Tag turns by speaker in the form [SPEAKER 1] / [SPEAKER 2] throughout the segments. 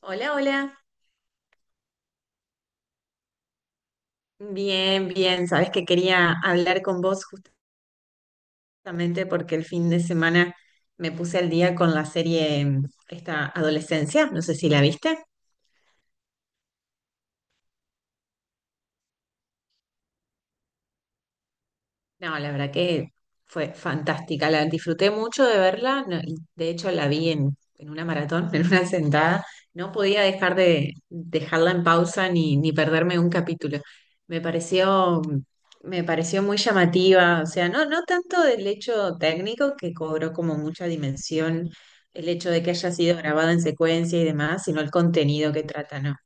[SPEAKER 1] Hola, hola. Bien, bien. Sabes que quería hablar con vos justamente porque el fin de semana me puse al día con la serie esta Adolescencia. No sé si la viste. No, la verdad que fue fantástica, la disfruté mucho de verla, de hecho la vi en una maratón, en una sentada, no podía dejar de dejarla en pausa ni perderme un capítulo. Me pareció, me pareció muy llamativa, o sea, no tanto del hecho técnico que cobró como mucha dimensión el hecho de que haya sido grabada en secuencia y demás, sino el contenido que trata, ¿no?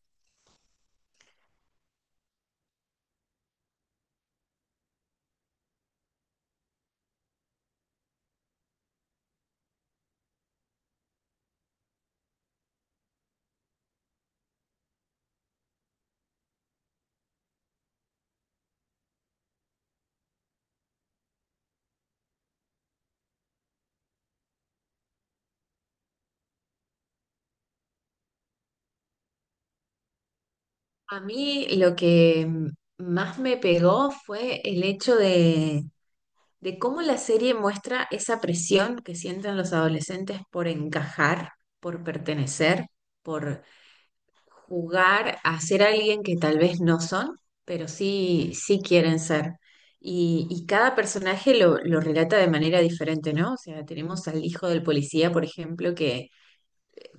[SPEAKER 1] A mí lo que más me pegó fue el hecho de cómo la serie muestra esa presión que sienten los adolescentes por encajar, por pertenecer, por jugar a ser alguien que tal vez no son, pero sí quieren ser. Y cada personaje lo relata de manera diferente, ¿no? O sea, tenemos al hijo del policía, por ejemplo, que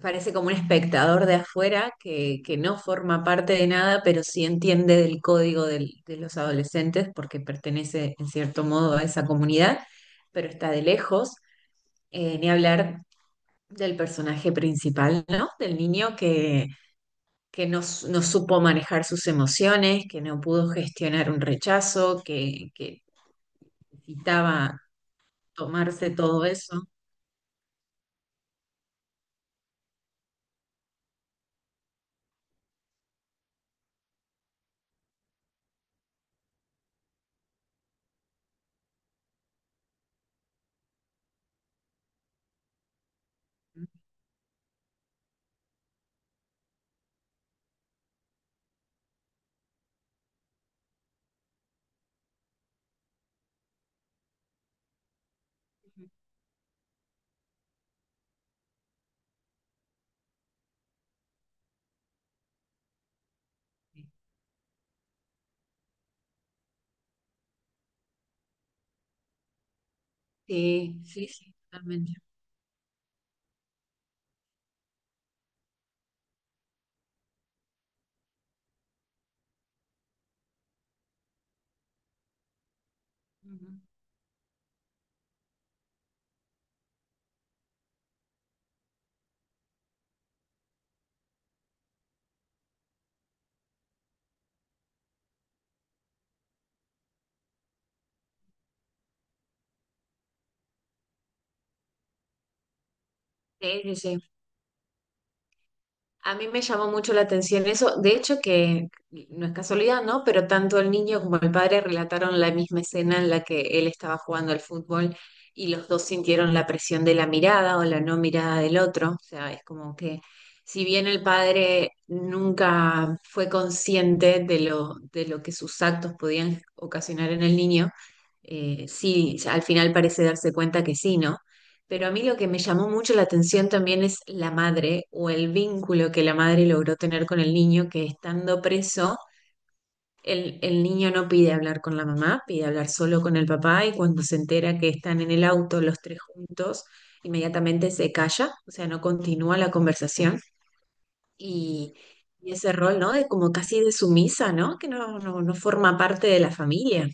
[SPEAKER 1] parece como un espectador de afuera que no forma parte de nada, pero sí entiende del código de los adolescentes porque pertenece en cierto modo a esa comunidad, pero está de lejos. Ni hablar del personaje principal, ¿no? Del niño que no, no supo manejar sus emociones, que no pudo gestionar un rechazo, que necesitaba tomarse todo eso. Sí, sí, sí, totalmente. Ujú. Sí, sí, sí. A mí me llamó mucho la atención eso, de hecho que no es casualidad, ¿no? Pero tanto el niño como el padre relataron la misma escena en la que él estaba jugando al fútbol y los dos sintieron la presión de la mirada o la no mirada del otro. O sea, es como que si bien el padre nunca fue consciente de de lo que sus actos podían ocasionar en el niño, sí, al final parece darse cuenta que sí, ¿no? Pero a mí lo que me llamó mucho la atención también es la madre o el vínculo que la madre logró tener con el niño, que estando preso, el niño no pide hablar con la mamá, pide hablar solo con el papá, y cuando se entera que están en el auto los tres juntos, inmediatamente se calla, o sea, no continúa la conversación y, y ese rol, ¿no? De como casi de sumisa, ¿no? Que no forma parte de la familia.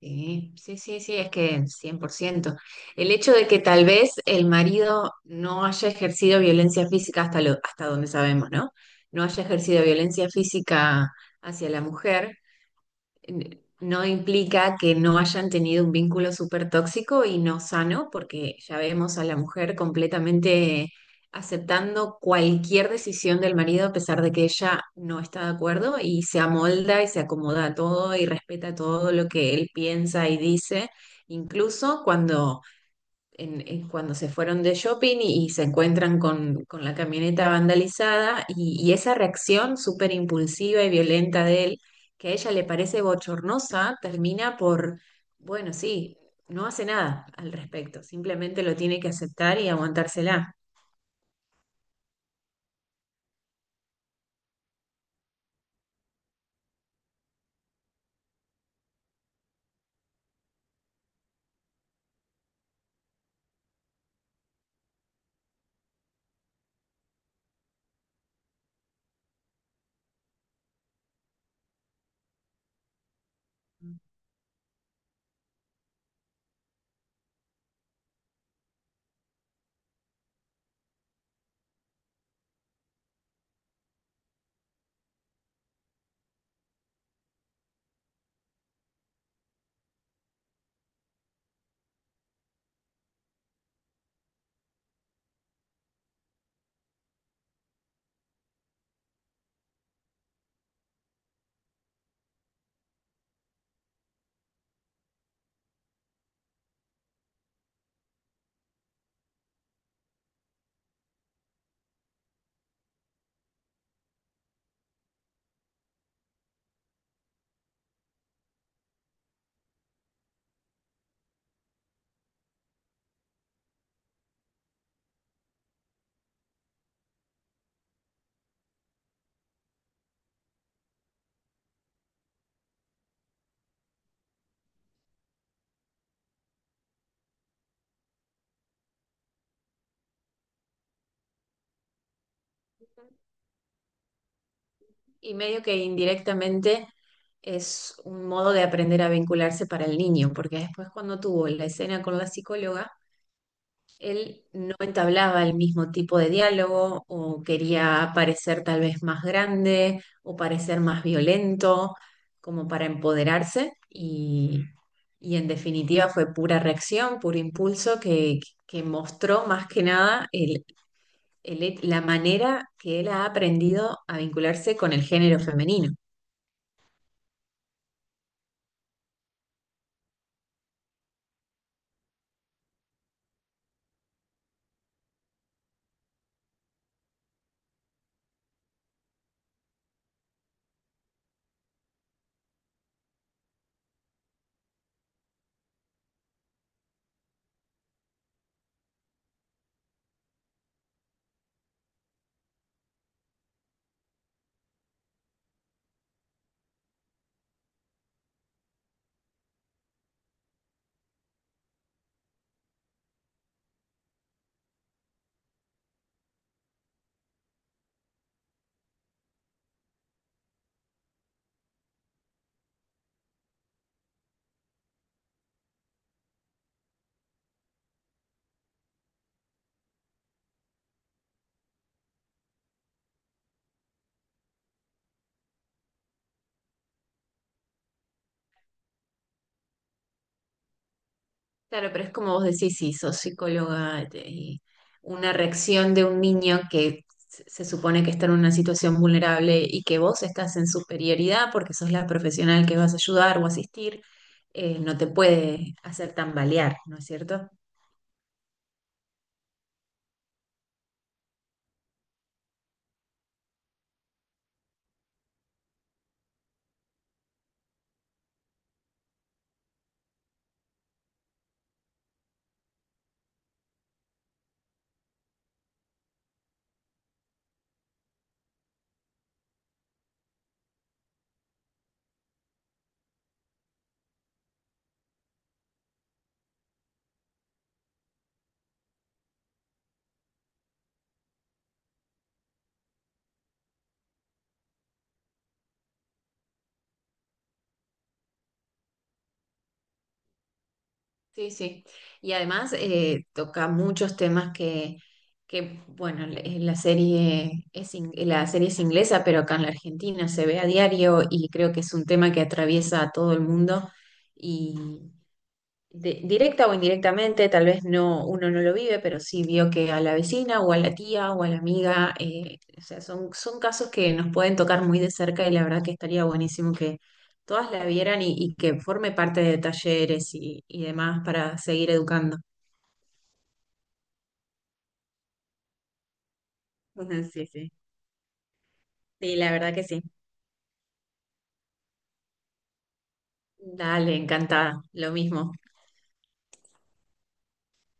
[SPEAKER 1] Sí, sí, sí, sí, es que 100%. El hecho de que tal vez el marido no haya ejercido violencia física hasta hasta donde sabemos, ¿no? No haya ejercido violencia física hacia la mujer, no implica que no hayan tenido un vínculo súper tóxico y no sano, porque ya vemos a la mujer completamente aceptando cualquier decisión del marido a pesar de que ella no está de acuerdo y se amolda y se acomoda a todo y respeta todo lo que él piensa y dice, incluso cuando en cuando se fueron de shopping y se encuentran con la camioneta vandalizada y esa reacción súper impulsiva y violenta de él, que a ella le parece bochornosa, termina por, bueno, sí, no hace nada al respecto, simplemente lo tiene que aceptar y aguantársela. Y medio que indirectamente es un modo de aprender a vincularse para el niño, porque después cuando tuvo la escena con la psicóloga, él no entablaba el mismo tipo de diálogo o quería parecer tal vez más grande o parecer más violento, como para empoderarse y en definitiva fue pura reacción, puro impulso que mostró más que nada la manera que él ha aprendido a vincularse con el género femenino. Claro, pero es como vos decís, si sos psicóloga y una reacción de un niño que se supone que está en una situación vulnerable y que vos estás en superioridad porque sos la profesional que vas a ayudar o asistir, no te puede hacer tambalear, ¿no es cierto? Sí, sí. Y además toca muchos temas que bueno, la serie es inglesa, pero acá en la Argentina se ve a diario y creo que es un tema que atraviesa a todo el mundo. Y, de- directa o indirectamente, tal vez no, uno no lo vive, pero sí vio que a la vecina o a la tía o a la amiga, o sea, son casos que nos pueden tocar muy de cerca, y la verdad que estaría buenísimo que todas la vieran y que forme parte de talleres y demás para seguir educando. Sí, sí. Sí, la verdad que sí. Dale, encantada. Lo mismo.